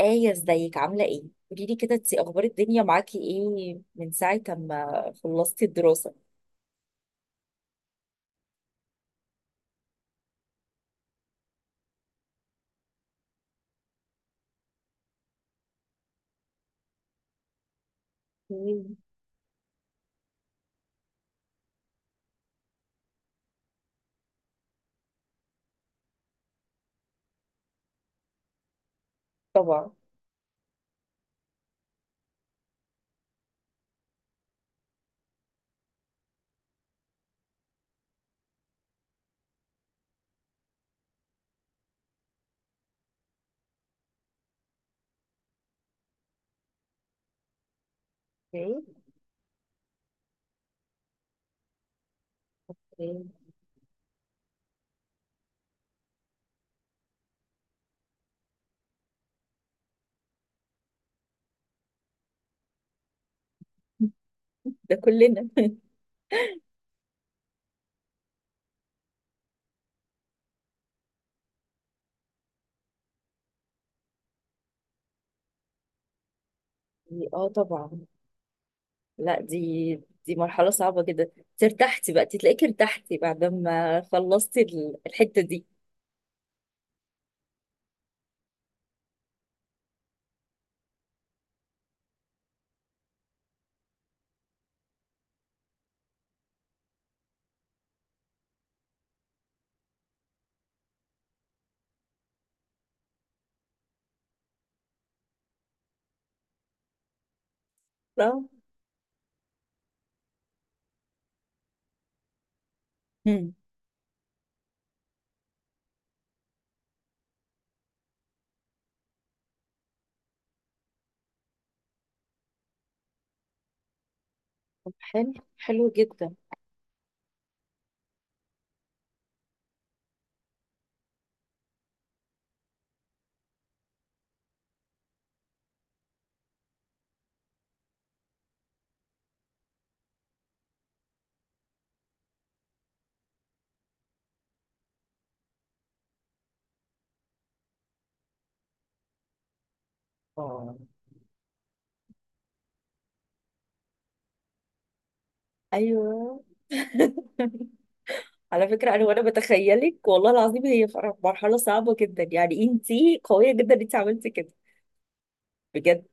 آية، ازيك؟ عاملة ايه؟ قولي لي كده، انتي اخبار الدنيا معاكي ايه من ساعة ما خلصتي الدراسة؟ مم. طبعا. اوكي. اوكي. ده كلنا. اه طبعا. لا، دي دي مرحلة صعبة جدا. انت ارتحتي بقى؟ انت تلاقيكي ارتحتي بعد ما خلصتي الحتة دي؟ صح؟ مم. طب حلو، حلو جدا. آه. ايوه. على فكرة انا وانا بتخيلك والله العظيم، هي مرحلة صعبة جدا. يعني انتي قوية جدا انت عملتي كده بجد.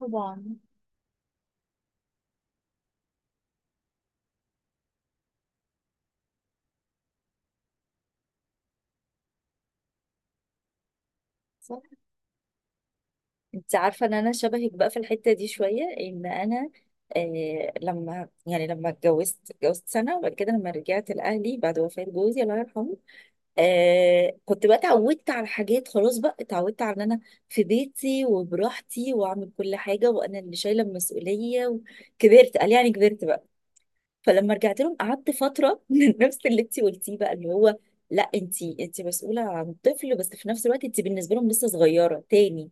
طبعا. صح. انت عارفه ان انا شبهك بقى في الحته دي شويه، ان انا آه، لما يعني لما اتجوزت، اتجوزت سنه وبعد كده لما رجعت لاهلي بعد وفاه جوزي الله يرحمه، آه كنت بقى اتعودت على حاجات. خلاص بقى اتعودت على ان انا في بيتي وبراحتي واعمل كل حاجه، وانا اللي شايله المسؤوليه وكبرت. قال يعني كبرت بقى. فلما رجعت لهم قعدت فتره من نفس اللي انت قلتيه بقى، اللي هو لا انت، انت مسؤوله عن طفل بس في نفس الوقت انت بالنسبه لهم لسه صغيره تاني.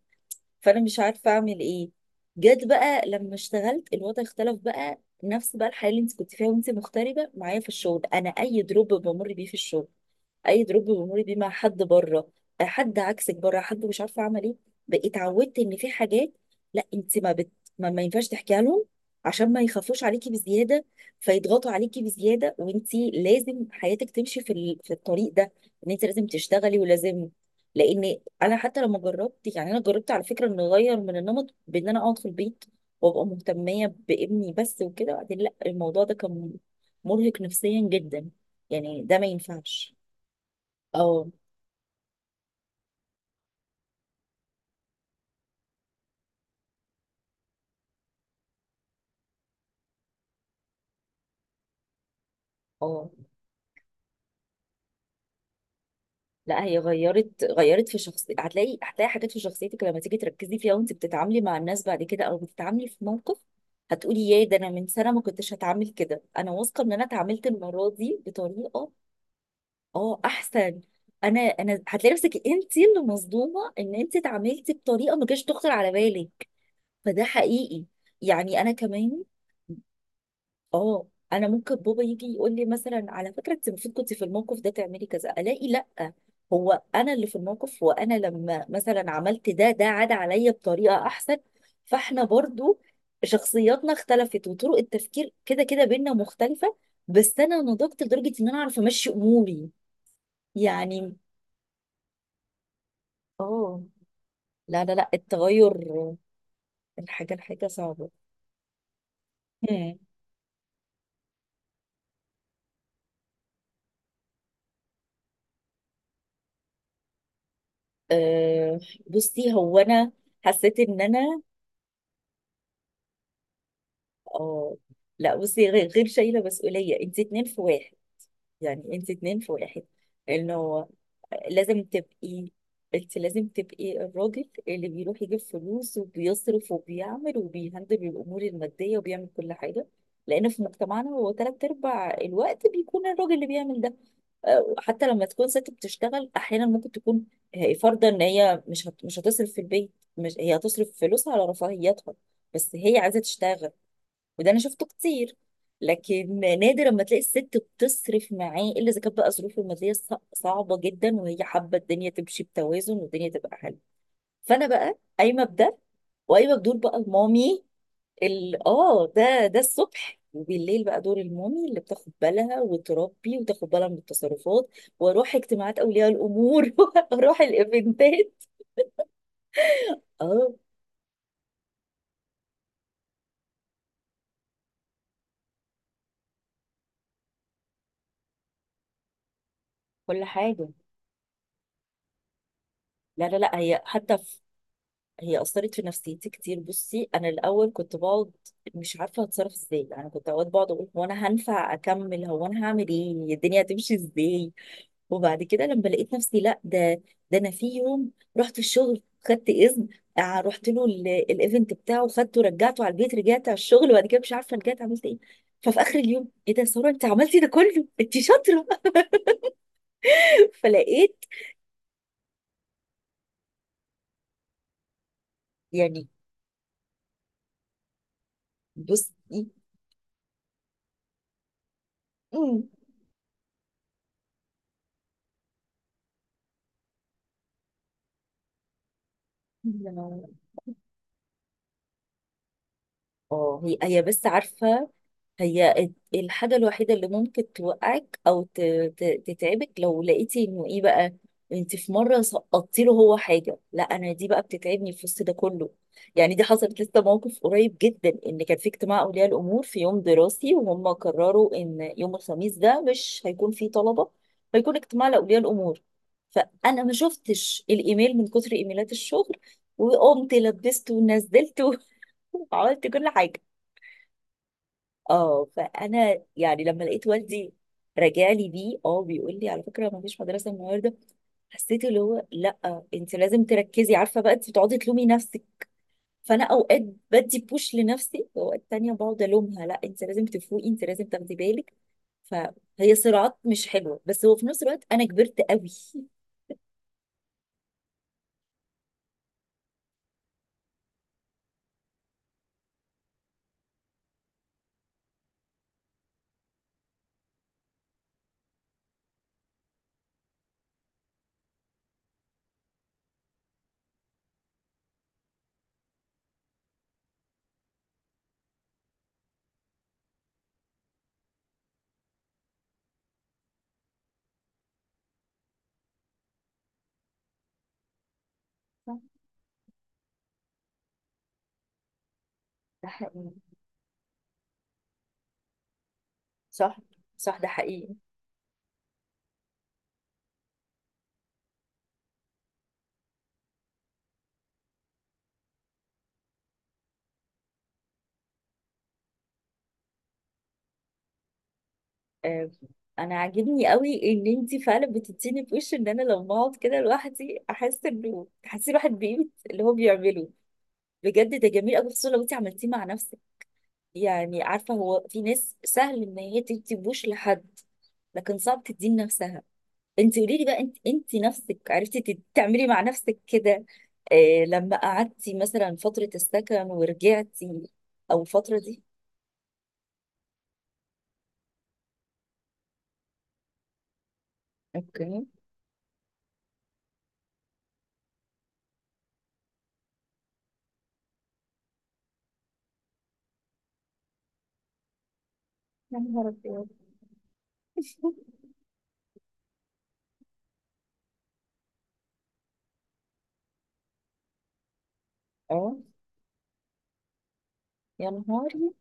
فانا مش عارفه اعمل ايه. جت بقى لما اشتغلت، الوضع اختلف بقى. نفس بقى الحياه اللي انت كنت فيها وانت مغتربه، معايا في الشغل انا اي دروب بمر بيه في الشغل، اي دروب بمر بيه مع حد بره، حد عكسك بره، حد مش عارفه اعمل ايه. بقيت اتعودت ان في حاجات لا انت ما بت، ما ينفعش تحكيها لهم عشان ما يخافوش عليكي بزياده، فيضغطوا عليكي بزياده، وانت لازم حياتك تمشي في في الطريق ده، ان انت لازم تشتغلي ولازم. لان انا حتى لما جربت، يعني انا جربت على فكره ان اغير من النمط بان انا اقعد في البيت وابقى مهتميه بابني بس، وكده بعدين لا، الموضوع ده كان مرهق نفسيا جدا. يعني ده ما ينفعش. اه. اه. لا هي غيرت، غيرت في شخصيتي. هتلاقي، هتلاقي حاجات في شخصيتك لما تيجي تركزي فيها وانت بتتعاملي مع الناس بعد كده، او بتتعاملي في موقف، هتقولي يا ده انا من سنه ما كنتش هتعامل كده، انا واثقه ان انا اتعاملت المره دي بطريقه اه احسن. انا هتلاقي نفسك انت اللي مصدومه ان انت اتعاملتي بطريقه ما كانتش تخطر على بالك، فده حقيقي. يعني انا كمان اه، انا ممكن بابا يجي يقول لي مثلا على فكره انت المفروض كنت في الموقف ده تعملي كذا، الاقي لا، هو انا اللي في الموقف، وانا لما مثلا عملت ده، ده عاد عليا بطريقه احسن. فاحنا برضو شخصياتنا اختلفت، وطرق التفكير كده كده بينا مختلفه، بس انا نضجت لدرجه ان انا اعرف امشي اموري يعني. اه. لا التغير من حاجة لحاجة صعبة. هم. أه. بصي هو انا حسيت ان انا اه، لا بصي، غير غير شايلة مسؤولية، انت اتنين في واحد. يعني انت اتنين في واحد، انه لازم تبقي، انت لازم تبقي الراجل اللي بيروح يجيب فلوس وبيصرف وبيعمل وبيهندل الامور الماديه وبيعمل كل حاجه، لان في مجتمعنا هو تلات ارباع الوقت بيكون الراجل اللي بيعمل ده. حتى لما تكون ست بتشتغل احيانا ممكن تكون هي فارضه ان هي مش هتصرف في البيت، مش هي هتصرف فلوسها على رفاهيتها، بس هي عايزه تشتغل. وده انا شفته كتير. لكن نادر اما تلاقي الست بتصرف معاه الا اذا كانت بقى ظروفه الماديه صعبه جدا وهي حابه الدنيا تمشي بتوازن والدنيا تبقى حلوه. فانا بقى قايمه بده، وقايمه بدور بقى المامي. ال اه ده ده الصبح، وبالليل بقى دور المامي اللي بتاخد بالها وتربي وتاخد بالها من التصرفات، واروح اجتماعات اولياء الامور واروح الايفنتات. اه كل حاجه. لا هي حتى، هي أثرت في نفسيتي كتير. بصي أنا الأول كنت بقعد مش عارفة هتصرف إزاي. يعني كنت أوقات بقعد أقول هو أنا هنفع أكمل؟ هو أنا هعمل إيه؟ الدنيا هتمشي إزاي؟ وبعد كده لما لقيت نفسي لا، ده ده أنا في يوم رحت الشغل، خدت إذن، رحت له الإيفنت بتاعه، خدته رجعته على البيت، رجعت على الشغل وبعد كده مش عارفة رجعت عملت إيه. ففي آخر اليوم إيه ده يا سارة؟ أنت عملتي ده كله، أنت شاطرة. فلقيت يعني بصي. مم. اه هي، هي بس عارفة، هي الحاجة الوحيدة اللي ممكن توقعك أو تتعبك لو لقيتي إنه إيه بقى، أنت في مرة سقطتي له هو حاجة، لا أنا دي بقى بتتعبني في وسط ده كله. يعني دي حصلت لسه، موقف قريب جدا إن كان في اجتماع أولياء الأمور في يوم دراسي، وهم قرروا إن يوم الخميس ده مش هيكون فيه طلبة، هيكون اجتماع لأولياء الأمور. فأنا ما شفتش الإيميل من كتر إيميلات الشغل، وقمت لبسته ونزلته وعملت كل حاجة. اه فانا يعني لما لقيت والدي راجع لي بيه اه بيقول لي على فكره ما فيش مدرسه النهارده، حسيت اللي هو لا انت لازم تركزي. عارفه بقى انت بتقعدي تلومي نفسك. فانا اوقات بدي بوش لنفسي، واوقات تانية بقعد الومها لا انت لازم تفوقي، انت لازم تاخدي بالك. فهي صراعات مش حلوه، بس هو في نفس الوقت انا كبرت قوي. صح ده حقيقي. صح. صح ده حقيقي. آه، انا عاجبني قوي ان انتي فعلا بتديني في وش ان انا لما اقعد كده لوحدي احس انه تحسي الواحد بقيمه اللي هو بيعمله. بجد ده جميل قوي خصوصا لو انتي عملتيه مع نفسك. يعني عارفه هو في ناس سهل ان هي تدي بوش لحد، لكن صعب تديه لنفسها. انتي قولي لي بقى انت، انتي نفسك عرفتي تعملي مع نفسك كده لما قعدتي مثلا فتره السكن ورجعتي او الفتره دي؟ اوكي. يا نهار أبيض. اه يا نهاري.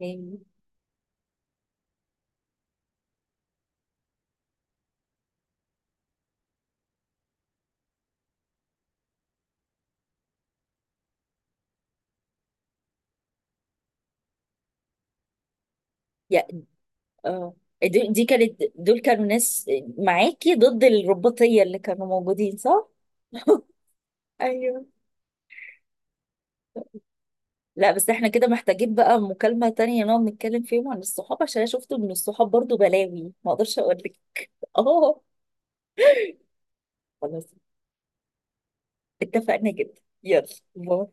يعني اه دي دي كانت، دول كانوا ناس معاكي ضد الرباطية اللي كانوا موجودين، صح؟ ايوه. لا بس احنا كده محتاجين بقى مكالمة تانية نقعد نتكلم فيهم عن الصحاب، عشان انا شفت ان الصحاب برضو بلاوي ما اقدرش اقول لك. اه. خلاص اتفقنا، جدا، يلا، باي.